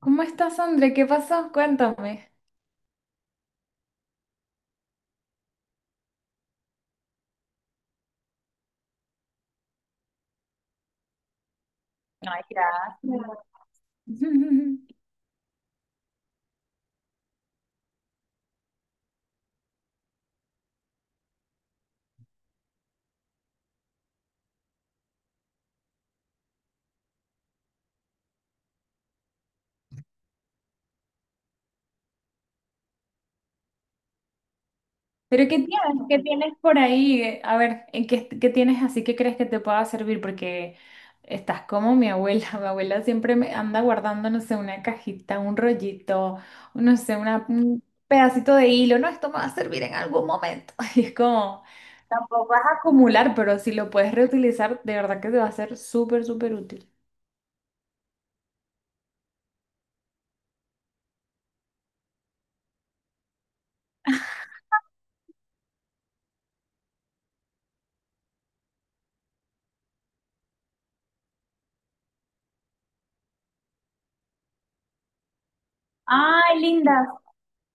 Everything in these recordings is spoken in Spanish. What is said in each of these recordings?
¿Cómo estás, André? ¿Qué pasó? Cuéntame. Ay, gracias. ¿Pero qué tienes? ¿Qué tienes por ahí? A ver, ¿qué tienes así que crees que te pueda servir? Porque estás como mi abuela. Mi abuela siempre me anda guardando, no sé, una cajita, un rollito, no sé, un pedacito de hilo. No, esto me va a servir en algún momento. Y es como, tampoco vas a acumular, pero si lo puedes reutilizar, de verdad que te va a ser súper, súper útil. Ay, linda,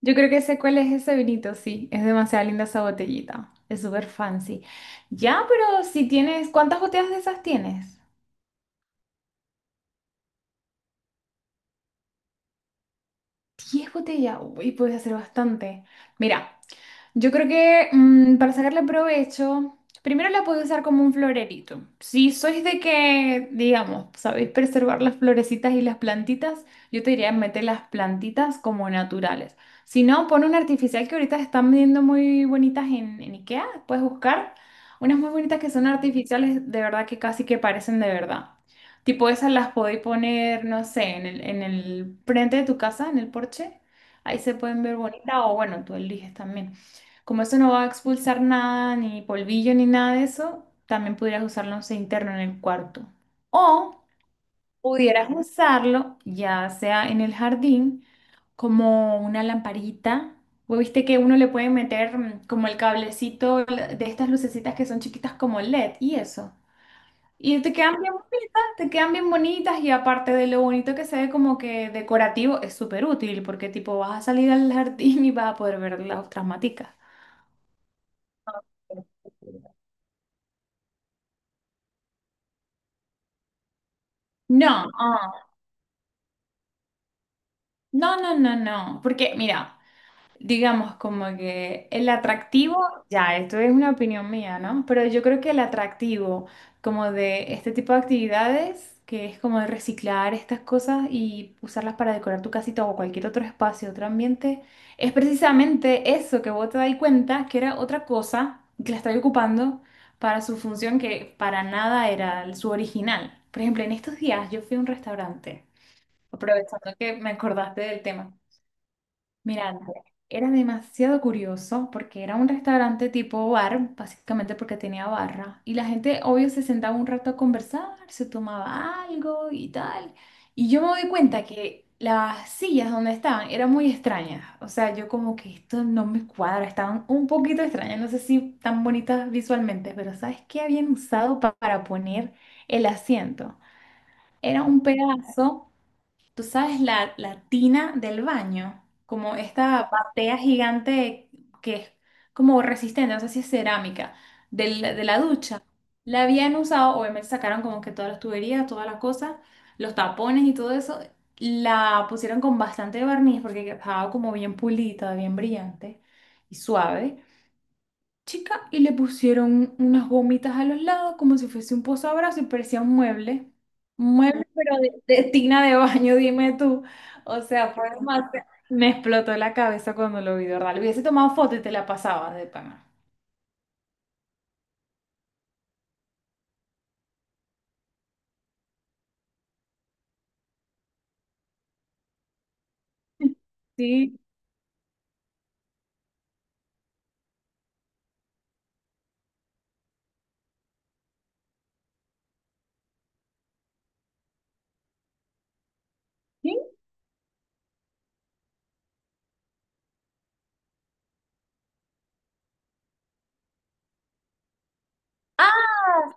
yo creo que sé cuál es ese vinito, sí, es demasiado linda esa botellita, es súper fancy. Ya, pero si tienes, ¿cuántas botellas de esas tienes? 10 botellas, uy, puedes hacer bastante. Mira, yo creo que para sacarle provecho, primero la puedo usar como un florerito. Si sois de que, digamos, sabéis preservar las florecitas y las plantitas, yo te diría meter las plantitas como naturales. Si no, pon una artificial que ahorita están vendiendo muy bonitas en IKEA, puedes buscar unas muy bonitas que son artificiales, de verdad que casi que parecen de verdad. Tipo esas las podéis poner, no sé, en el frente de tu casa, en el porche. Ahí se pueden ver bonitas o bueno, tú eliges también. Como esto no va a expulsar nada, ni polvillo, ni nada de eso, también pudieras usarlo de interno en el cuarto. O pudieras usarlo ya sea en el jardín como una lamparita. Vos viste que uno le puede meter como el cablecito de estas lucecitas que son chiquitas como LED y eso. Y te quedan bien bonitas, te quedan bien bonitas y aparte de lo bonito que se ve como que decorativo, es súper útil porque tipo vas a salir al jardín y vas a poder ver las otras maticas. No, ah, no, no, no, no, porque mira, digamos como que el atractivo, ya, esto es una opinión mía, ¿no? Pero yo creo que el atractivo como de este tipo de actividades, que es como de reciclar estas cosas y usarlas para decorar tu casita o cualquier otro espacio, otro ambiente, es precisamente eso que vos te das cuenta que era otra cosa que la estaba ocupando para su función que para nada era su original. Por ejemplo, en estos días yo fui a un restaurante. Aprovechando que me acordaste del tema. Mira, Andrea, era demasiado curioso porque era un restaurante tipo bar, básicamente porque tenía barra. Y la gente, obvio, se sentaba un rato a conversar, se tomaba algo y tal. Y yo me doy cuenta que las sillas donde estaban eran muy extrañas. O sea, yo como que esto no me cuadra, estaban un poquito extrañas. No sé si tan bonitas visualmente, pero ¿sabes qué habían usado para poner el asiento? Era un pedazo. ¿Tú sabes la, la tina del baño? Como esta batea gigante que es como resistente, no sé si es cerámica, de la, ducha. La habían usado, obviamente sacaron como que todas las tuberías, todas las cosas, los tapones y todo eso. La pusieron con bastante barniz porque estaba como bien pulita, bien brillante y suave chica y le pusieron unas gomitas a los lados como si fuese un posabrazos y parecía un mueble. Un mueble, pero de tina de baño, dime tú. O sea, fue demasiado. Me explotó la cabeza cuando lo vi, de ¿verdad? Le hubiese tomado foto y te la pasaba de pana. Sí. ¿Sí? Ah,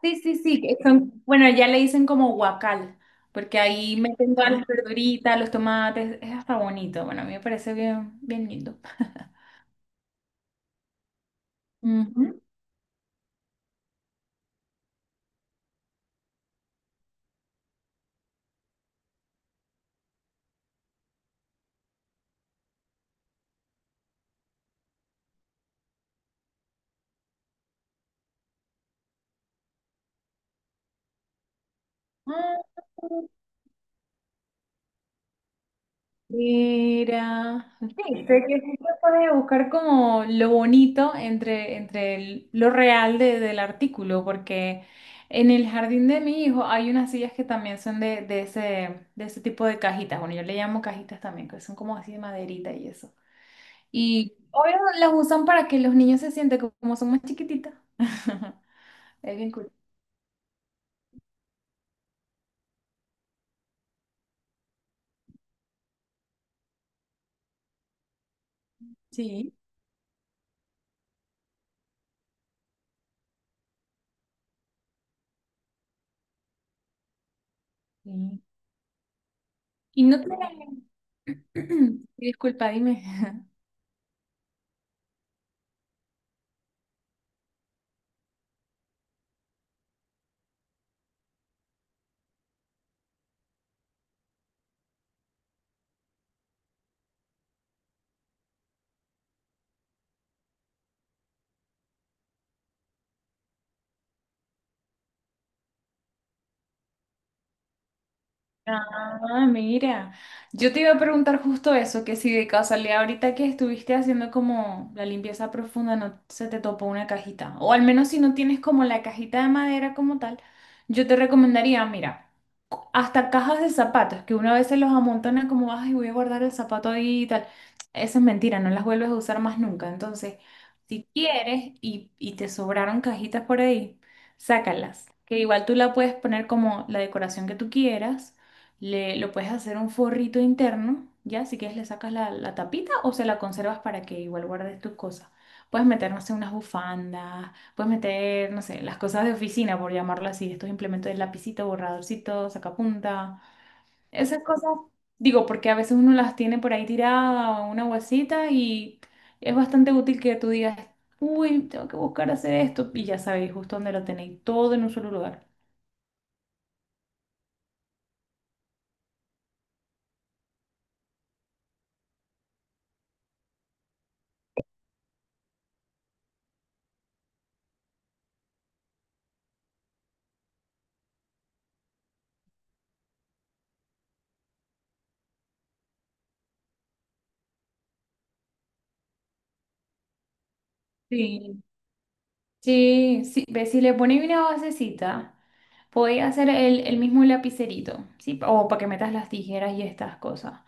sí, sí, sí, bueno, ya le dicen como guacal, porque ahí meten todas las verduritas, los tomates, es hasta bonito. Bueno, a mí me parece bien, bien lindo. Ujú. Mira, sí, sé que siempre puedes buscar como lo bonito entre, entre lo real del artículo, porque en el jardín de mi hijo hay unas sillas que también son de, de ese tipo de cajitas, bueno, yo le llamo cajitas también, que son como así de maderita y eso. Y obvio las usan para que los niños se sienten como son más chiquititas. Es bien cool. Sí. Sí. Y no tienen... Disculpa, dime. Ah, mira, yo te iba a preguntar justo eso, que si de casualidad ahorita que estuviste haciendo como la limpieza profunda no se te topó una cajita, o al menos si no tienes como la cajita de madera como tal, yo te recomendaría, mira, hasta cajas de zapatos, que una vez se los amontona como, ay, voy a guardar el zapato ahí y tal. Eso es mentira, no las vuelves a usar más nunca. Entonces, si quieres y te sobraron cajitas por ahí, sácalas, que igual tú la puedes poner como la decoración que tú quieras. Le, lo puedes hacer un forrito interno, ya, si quieres le sacas la, tapita o se la conservas para que igual guardes tus cosas. Puedes meter, no sé, unas bufandas, puedes meter, no sé, las cosas de oficina, por llamarlo así, estos implementos de lapicito, borradorcito, sacapunta, esas cosas, digo, porque a veces uno las tiene por ahí tirada o en una bolsita y es bastante útil que tú digas, uy, tengo que buscar hacer esto y ya sabéis justo dónde lo tenéis, todo en un solo lugar. Sí, sí, sí, ve, si le pones una basecita, podéis hacer el mismo lapicerito, ¿sí? O para que metas las tijeras y estas cosas.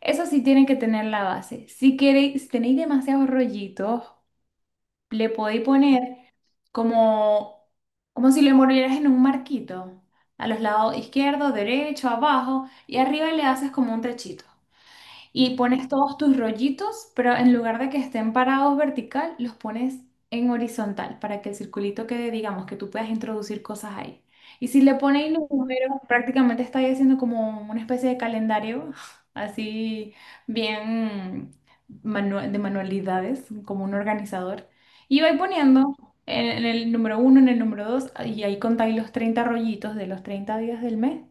Eso sí tiene que tener la base. Si queréis, si tenéis demasiados rollitos, le podéis poner como, como si lo envolvieras en un marquito, a los lados izquierdo, derecho, abajo, y arriba le haces como un techito y pones todos tus rollitos, pero en lugar de que estén parados vertical, los pones en horizontal para que el circulito quede, digamos, que tú puedas introducir cosas ahí. Y si le pones los números, prácticamente estáis haciendo como una especie de calendario, así bien de manualidades, como un organizador. Y vais poniendo en, el número uno, en el número dos, y ahí contáis los 30 rollitos de los 30 días del mes.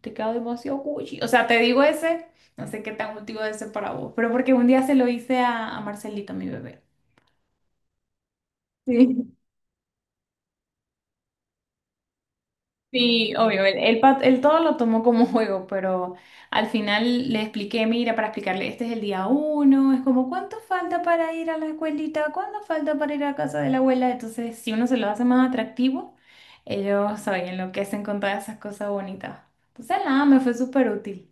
Te quedo demasiado cuchi. O sea, te digo ese. No sé qué tan útil debe ser para vos, pero porque un día se lo hice a, Marcelito, mi bebé. Sí. Sí, obvio, él todo lo tomó como juego, pero al final le expliqué, mira, para explicarle, este es el día uno, es como, ¿cuánto falta para ir a la escuelita? ¿Cuánto falta para ir a casa de la abuela? Entonces, si uno se lo hace más atractivo, ellos saben, lo que hacen con todas esas cosas bonitas. Entonces, nada, me fue súper útil.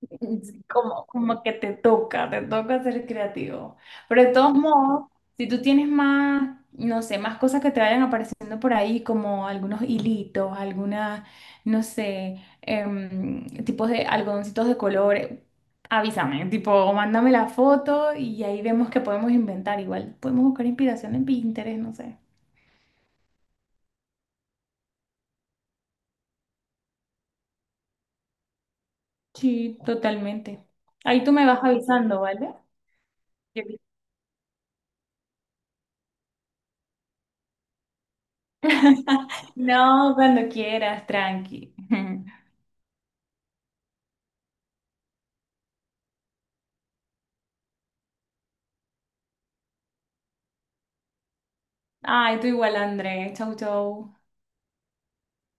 Como, como que te toca ser creativo. Pero de todos modos, si tú tienes más, no sé, más cosas que te vayan apareciendo por ahí, como algunos hilitos, algunas, no sé, tipos de algodoncitos de colores, avísame, tipo, mándame la foto y ahí vemos que podemos inventar. Igual podemos buscar inspiración en Pinterest, no sé. Sí, totalmente. Ahí tú me vas avisando, ¿vale? Yo- No, cuando quieras, tranqui. Ay, tú igual, André. Chau, chau.